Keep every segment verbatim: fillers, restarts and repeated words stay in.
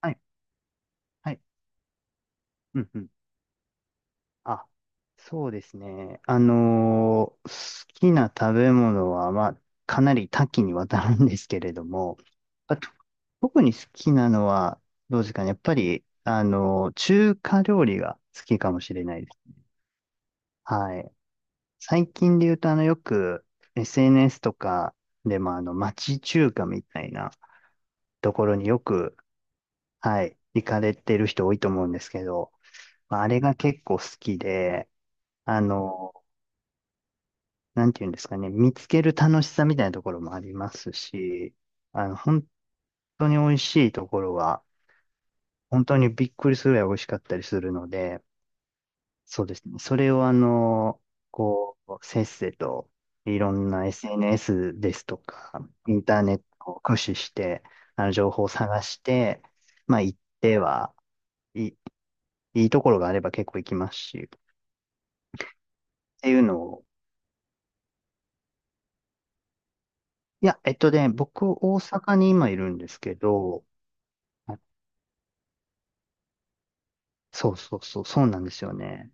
はい、はい、うんうん。あ、そうですね。あのー好きな食べ物は、まあ、かなり多岐にわたるんですけれども、あと特に好きなのは、どうですかね。やっぱり、あのー中華料理が好きかもしれないです。はい。最近で言うと、あの、よく エスエヌエス とかでも、あの、町中華みたいなところによく、はい、行かれてる人多いと思うんですけど、まああれが結構好きで、あの、なんていうんですかね、見つける楽しさみたいなところもありますし、あの、本当に美味しいところは、本当にびっくりするぐらい美味しかったりするので、そうですね。それをあの、こう、せっせと、いろんな エスエヌエス ですとか、インターネットを駆使して、あの、情報を探して、まあ、行っては、いい、いいところがあれば結構行きますし、っていうのを、いや、えっとね、僕、大阪に今いるんですけど、あそうそうそう、そうなんですよね。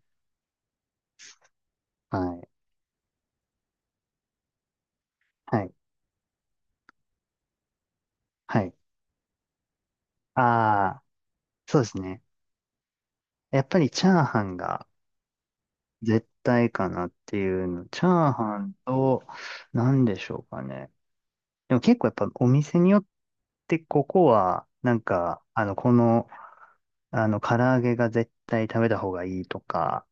はい。はい。はい。ああ、そうですね。やっぱりチャーハンが絶対かなっていうの。チャーハンと、なんでしょうかね。でも結構やっぱお店によってここは、なんか、あの、この、あの、唐揚げが絶対食べた方がいいとか、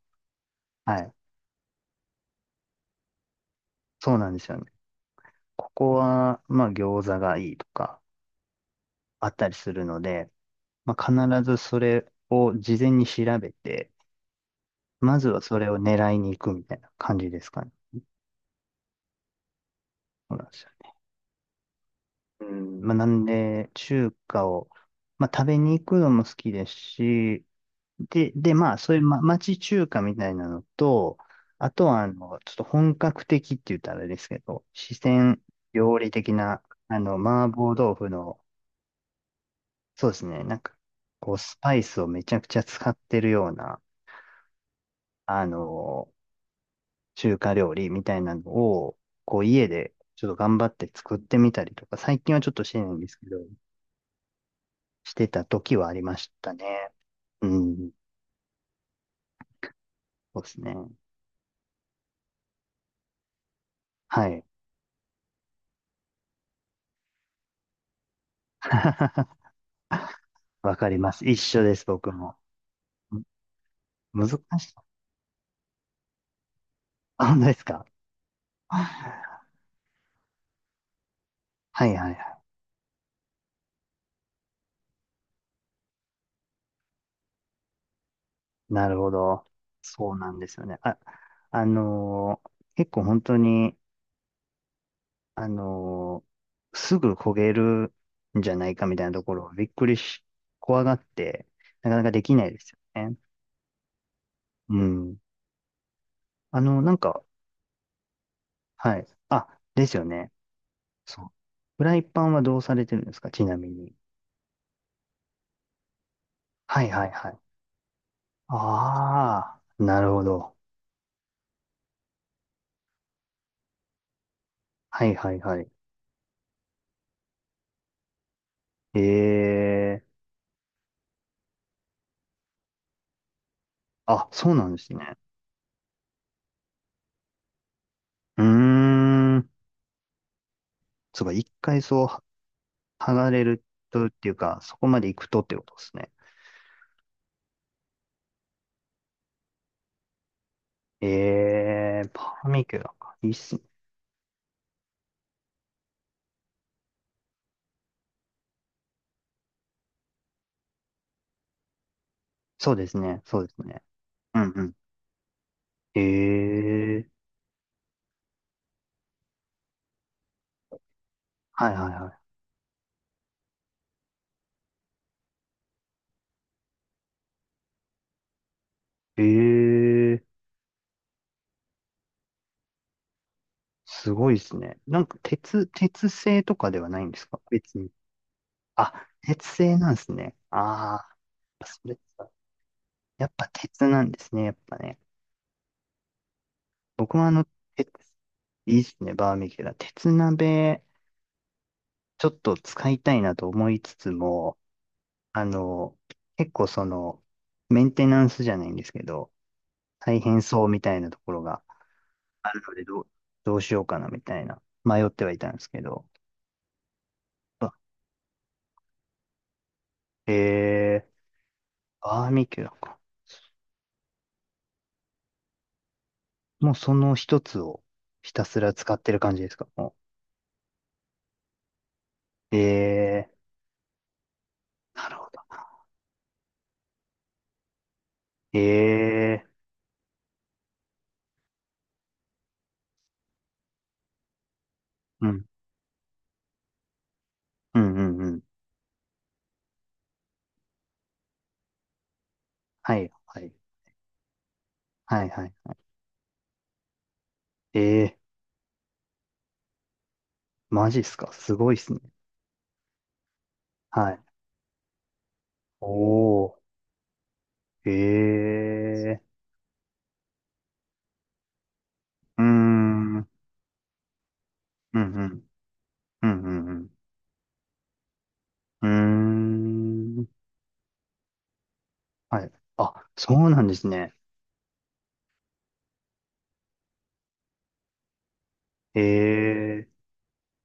はい。そうなんですよね。ここは、まあ、餃子がいいとか、あったりするので、まあ、必ずそれを事前に調べて、まずはそれを狙いに行くみたいな感じですかね。そうなんでまあ、なんで、中華を、まあ、食べに行くのも好きですし、で、で、まあ、そういう、ま、町中華みたいなのと、あとは、あの、ちょっと本格的って言ったらあれですけど、四川料理的な、あの、麻婆豆腐の、そうですね、なんか、こう、スパイスをめちゃくちゃ使ってるような、あの、中華料理みたいなのを、こう家でちょっと頑張って作ってみたりとか、最近はちょっとしてないんですけど、してた時はありましたね。うん。そうですね。はい。わかります。一緒です、僕も。む難しい。あ、本当ですか？はいはいはい。なるほど。そうなんですよね。あ、あのー結構本当に、あのーすぐ焦げるんじゃないかみたいなところをびっくりし、怖がって、なかなかできないですよね。うん。あの、なんか、はい。あ、ですよね。そう。フライパンはどうされてるんですかちなみに。はいはいはい。ああ、なるほど。はいはいはい。ええ、あ、そうなんですね。うーん。そうか、一回そう、剥がれるとっていうか、そこまで行くとってことですね。ええパーミキュラか。いいっすね。そうですね。そうですね。うんうん。ええはいはいはい。ええすごいっすね。なんか鉄、鉄製とかではないんですか別に。あ、鉄製なんですね。ああ、それ、やっぱ鉄なんですね。やっぱね。僕はあの、鉄、いいっすね。バーミキュラ。鉄鍋、ちょっと使いたいなと思いつつも、あの、結構その、メンテナンスじゃないんですけど、大変そうみたいなところがあるので、どう、どうしようかなみたいな、迷ってはいたんですけど、あえー、バーミキュラか。もうその一つをひたすら使ってる感じですかもう。えー、なるほど。えー、うん、うん、うん、うん。はい、はい、はい、はい。はいえー、マジっすかすごいっすね。はい。おー、えー、うーん、うん、うん、うん、うん、うん。うーんはい。あ、そうなんですね。へえ、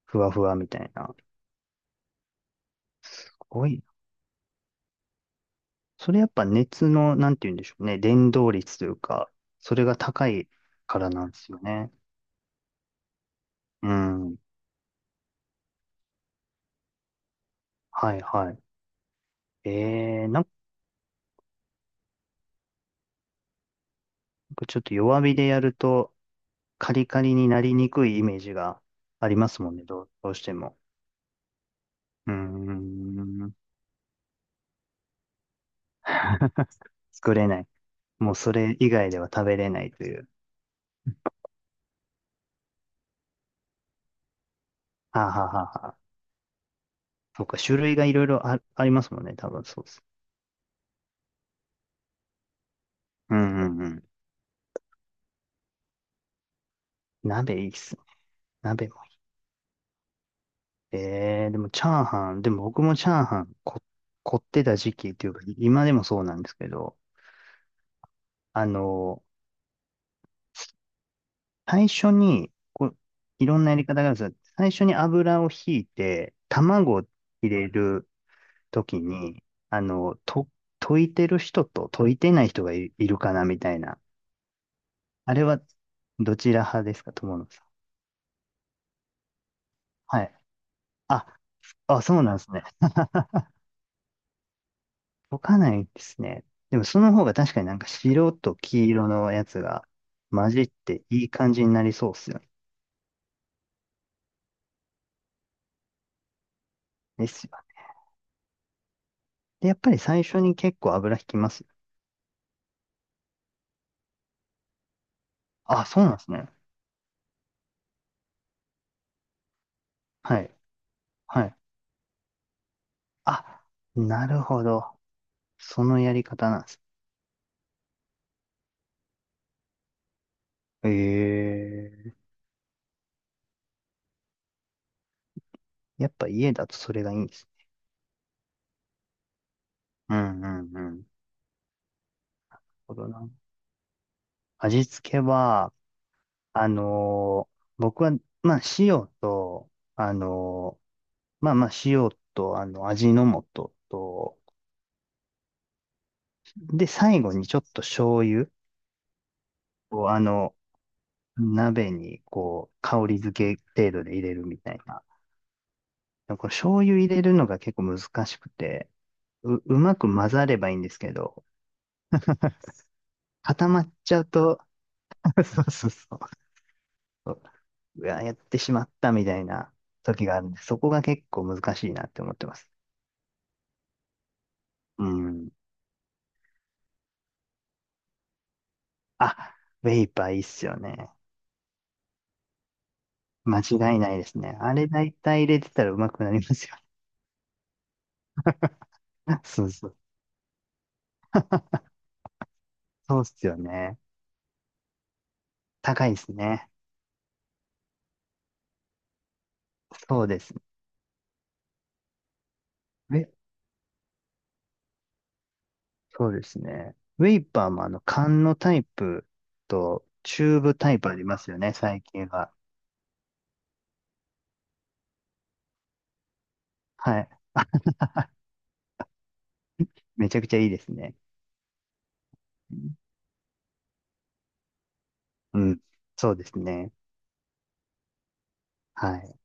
ふわふわみたいな。すごいな。それやっぱ熱の、なんて言うんでしょうね。伝導率というか、それが高いからなんですよね。うん。はいはい。ええ、なんかちょっと弱火でやると、カリカリになりにくいイメージがありますもんね。どう、どうしても。うーん。作れない。もうそれ以外では食べれないという。はあ、はあはあはあ、そうか、種類がいろいろあ、ありますもんね。多分そううんうんうん。鍋いいっすね。鍋もいい。えー、でもチャーハン、でも僕もチャーハンこ、凝ってた時期っていうか、今でもそうなんですけど、あの、最初に、こう、いろんなやり方があるんですよ。最初に油をひいて、卵を入れる時に、あの、と、溶いてる人と溶いてない人がい、いるかなみたいな。あれは、どちら派ですか、友野さん。はい。あ、あ、そうなんですね。溶かないですね。でもその方が確かになんか白と黄色のやつが混じっていい感じになりそうっすよね。ですよね。で、やっぱり最初に結構油引きますよ。あ、そうなんですね。はい。はい。あ、なるほど。そのやり方なんです。ええやっぱ家だとそれがいいんですね。うんうんうん。なるほどな。味付けは、あのー僕は、まあ塩と、あのーまあまあ塩と、あの、味の素と、で、最後にちょっと醤油をあの、鍋にこう、香り付け程度で入れるみたいな。この醤油入れるのが結構難しくて、う、うまく混ざればいいんですけど、固まっちゃうと、そうそうそう。うわ、やってしまったみたいな時があるんで、そこが結構難しいなって思ってます。うん。あ、ウェイパーいいっすよね。間違いないですね。あれ大体入れてたらうまくなりますよね。そうそう。そうっすよね。高いですね。そうですね。え、そうですね。ウェイパーもあの、缶のタイプとチューブタイプありますよね、最近は。はい。めちゃくちゃいいですね。うん。そうですね。はい。